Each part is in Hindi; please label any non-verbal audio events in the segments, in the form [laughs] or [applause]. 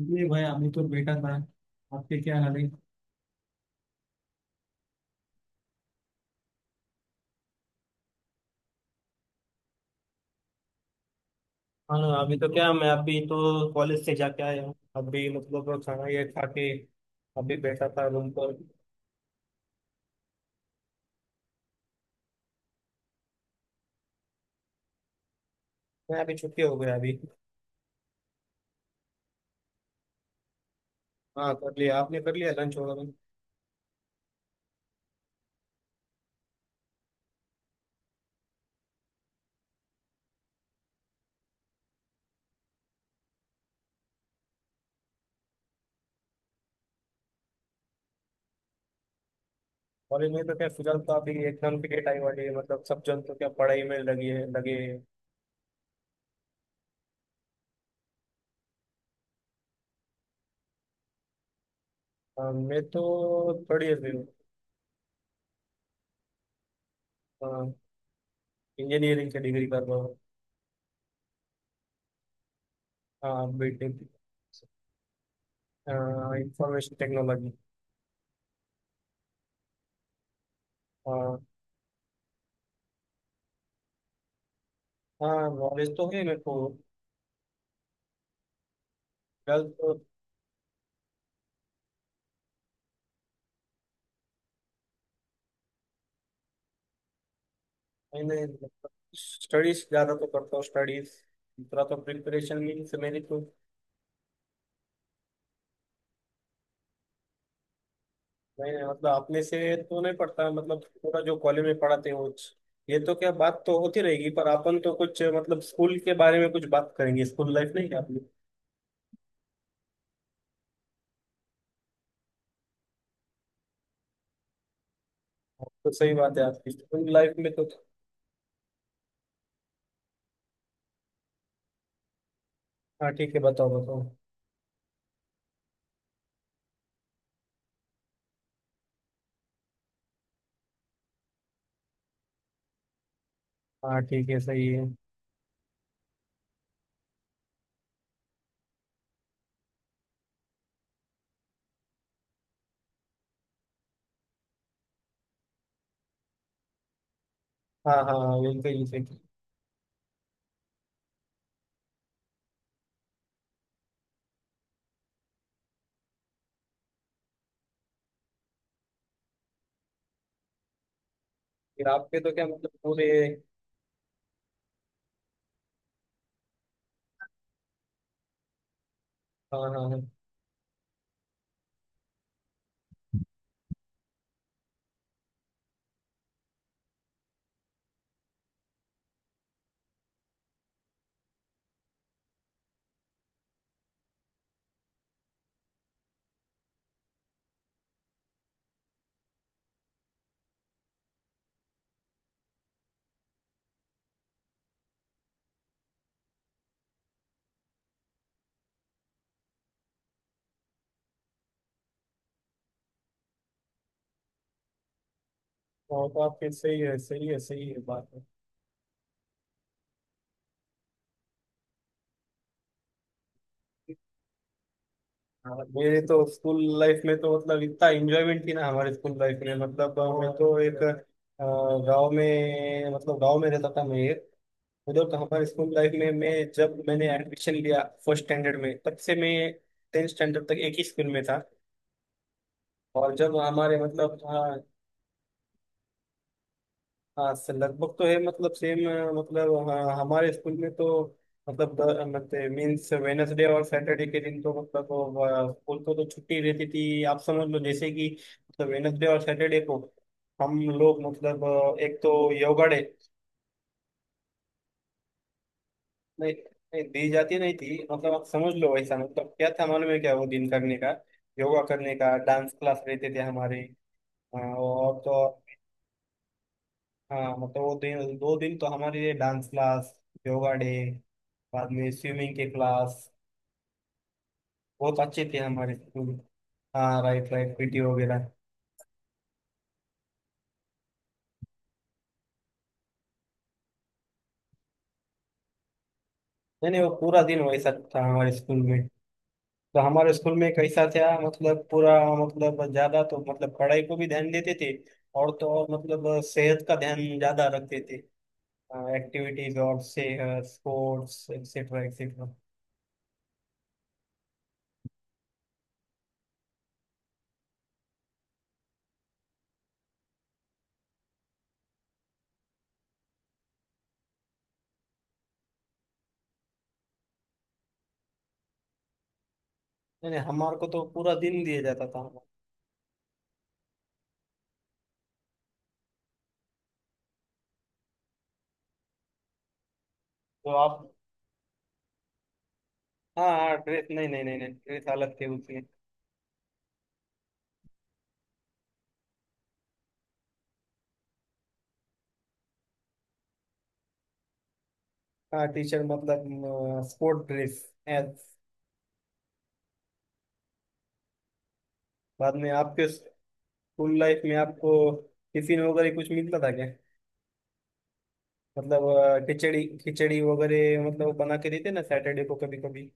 ये भाई अभी तो बेटा था। आपके क्या हाल है? हाँ, अभी तो क्या, मैं अभी तो कॉलेज से जाके आया हूँ। अभी मतलब खाना ये खा के अभी बैठा था रूम पर। मैं अभी छुट्टी हो गया अभी। हाँ, कर लिया आपने, कर लिया लंच वगैरह। कॉलेज में तो क्या, फिलहाल तो अभी एग्जाम की डेट आई वाली है। मतलब सब जन तो क्या, पढ़ाई में लगे हैं। हाँ, मैं तो थर्ड ईयर में हूँ। हाँ, इंजीनियरिंग की डिग्री कर रहा हूँ। हाँ, बीटेक इंफॉर्मेशन टेक्नोलॉजी। हाँ हाँ, नॉलेज तो है मेरे को। ट्वेल्थ तो मैंने स्टडीज ज़्यादा तो करता हूँ स्टडीज। दूसरा तो प्रिपरेशन मीन्स मेरी तो। मैंने मतलब अपने से तो नहीं पढ़ता, मतलब पूरा जो कॉलेज में पढ़ाते हैं वो। ये तो क्या, बात तो होती रहेगी, पर अपन तो कुछ मतलब स्कूल के बारे में कुछ बात करेंगे, स्कूल लाइफ नहीं क्या अपनी। तो सही बात है आपकी, स्कूल लाइफ में तो। हाँ ठीक है, बताओ बताओ। हाँ ठीक है, सही है। हाँ हाँ हाँ, बिल्कुल ही सही। फिर आपके तो क्या मतलब पूरे। हाँ हाँ हाँ। और तो आपके सही है सही है सही है बात है। हाँ, मेरे तो स्कूल लाइफ में तो मतलब इतना एंजॉयमेंट थी ना हमारे स्कूल लाइफ में, मतलब मैं तो एक गांव में मतलब गांव में रहता था मैं एक। उधर तो हमारे स्कूल लाइफ में मैं जब मैंने एडमिशन लिया फर्स्ट स्टैंडर्ड में तब से मैं टेंथ स्टैंडर्ड तक एक ही स्कूल में था। और जब हमारे मतलब हाँ। हाँ से लगभग तो है मतलब सेम। मतलब हाँ, हमारे स्कूल में तो मतलब मतलब मीन्स वेनसडे और सैटरडे के दिन तो मतलब वो, स्कूल को तो छुट्टी रहती थी, आप समझ लो, जैसे कि मतलब वेनसडे और सैटरडे को हम लोग मतलब एक तो योगा डे। नहीं नहीं, दी जाती नहीं थी, मतलब आप समझ लो, वैसा मतलब क्या था मालूम है क्या वो दिन करने का। योगा करने का, डांस क्लास रहते थे हमारे। और तो। हाँ, मतलब वो दिन दो दिन तो हमारे लिए डांस क्लास, योगा डे, बाद में स्विमिंग के क्लास। बहुत अच्छे थे हमारे स्कूल। हाँ, राइट राइट, पीटी वगैरह। नहीं नहीं, वो पूरा दिन वैसा था हमारे स्कूल में। तो हमारे स्कूल में कैसा था मतलब पूरा, मतलब ज्यादा तो मतलब पढ़ाई को भी ध्यान देते थे, और तो और मतलब सेहत का ध्यान ज्यादा रखते थे। एक्टिविटीज और सेहत स्पोर्ट्स एक्सेट्रा एक्सेट्रा। नहीं नहीं, हमारे को तो पूरा दिन दिया जाता था। तो आप। हाँ हाँ, ड्रेस नहीं नहीं नहीं नहीं, ड्रेस अलग थी उसकी। हाँ, टी शर्ट मतलब स्पोर्ट ड्रेस एज। बाद में आपके स्कूल लाइफ में आपको टिफिन वगैरह कुछ मिलता था क्या? मतलब खिचड़ी खिचड़ी वगैरह मतलब वो बना के देते ना सैटरडे को कभी कभी।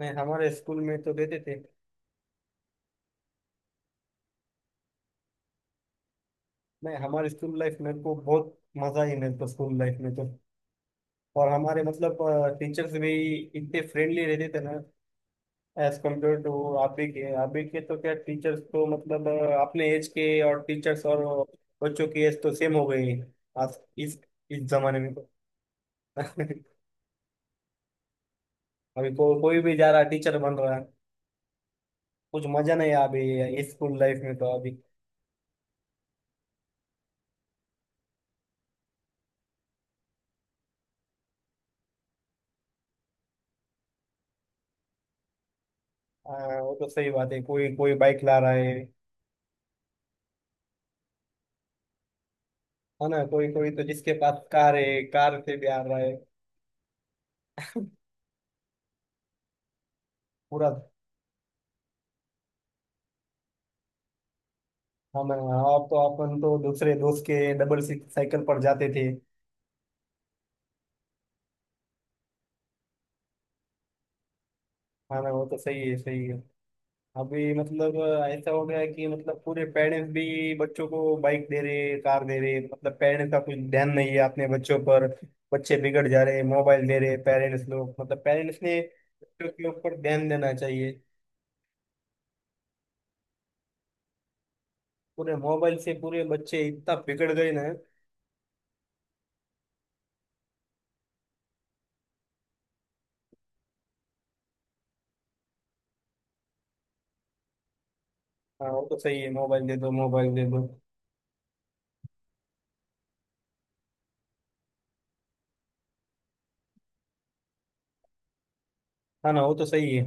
नहीं, हमारे स्कूल में तो देते थे। नहीं, हमारे स्कूल लाइफ में को बहुत मजा ही मिलता स्कूल लाइफ में तो। और हमारे मतलब टीचर्स भी इतने फ्रेंडली रहते थे ना एज कम्पेयर टू। आप भी के तो क्या, टीचर्स तो मतलब अपने एज के और टीचर्स और बच्चों की एज तो सेम हो गई है, आज इस इस जमाने में तो। [laughs] अभी कोई भी जा रहा टीचर बन रहा है। कुछ मजा नहीं है अभी स्कूल लाइफ में तो अभी। अ, वो तो सही बात है, कोई कोई बाइक ला रहा है ना, कोई कोई तो जिसके पास कार है कार से भी आ रहा है। पूरा हम और तो अपन तो दूसरे दोस्त के डबल साइकिल पर जाते थे। हाँ ना, वो तो सही है सही है। अभी मतलब ऐसा हो गया है कि मतलब पूरे पेरेंट्स भी बच्चों को बाइक दे रहे कार दे रहे, मतलब पेरेंट्स का कुछ ध्यान नहीं है अपने बच्चों पर। बच्चे बिगड़ जा रहे, मोबाइल दे रहे पेरेंट्स लोग, मतलब पेरेंट्स ने बच्चों के ऊपर ध्यान देना चाहिए। पूरे मोबाइल से पूरे बच्चे इतना बिगड़ गए ना। हाँ, वो तो सही है, मोबाइल दे दो मोबाइल दे दो। हाँ ना, वो तो सही है।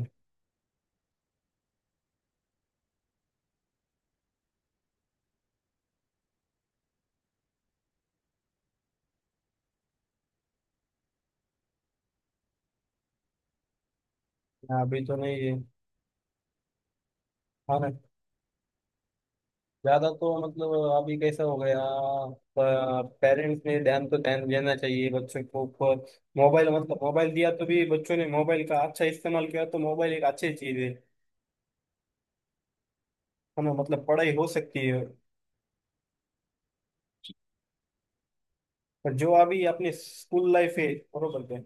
हाँ, अभी तो नहीं है। हाँ ना। ज्यादा तो मतलब अभी कैसा हो गया। पेरेंट्स ने ध्यान तो ध्यान देना चाहिए बच्चों को ऊपर। मोबाइल मतलब मोबाइल दिया तो भी बच्चों ने मोबाइल का अच्छा इस्तेमाल किया तो मोबाइल एक अच्छी चीज है। हमें मतलब पढ़ाई हो सकती है। पर जो अभी अपनी स्कूल लाइफ है बरोबर है,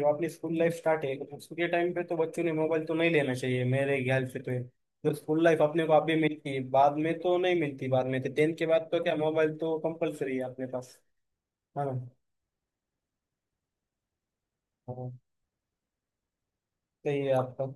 जो अपनी स्कूल लाइफ स्टार्ट है उसके टाइम पे तो बच्चों ने मोबाइल तो नहीं लेना चाहिए मेरे ख्याल से तो ये। जो स्कूल लाइफ अपने को अभी मिलती है, बाद में तो नहीं मिलती, बाद में तो टेंथ के बाद तो क्या मोबाइल तो कंपलसरी है अपने पास, है ना। हाँ, सही है आपका।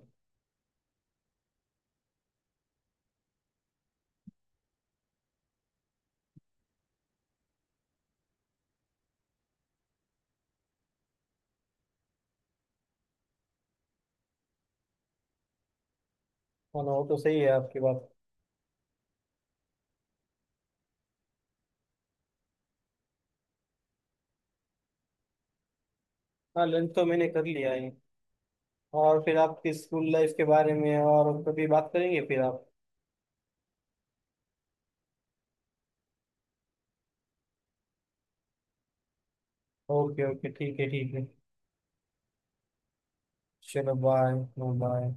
हाँ ना, वो तो सही है आपकी बात। हाँ, लंच तो मैंने कर लिया है। और फिर आपकी स्कूल लाइफ के बारे में और कभी बात करेंगे फिर आप। ओके ओके, ठीक है ठीक है। चलो बाय। बाय।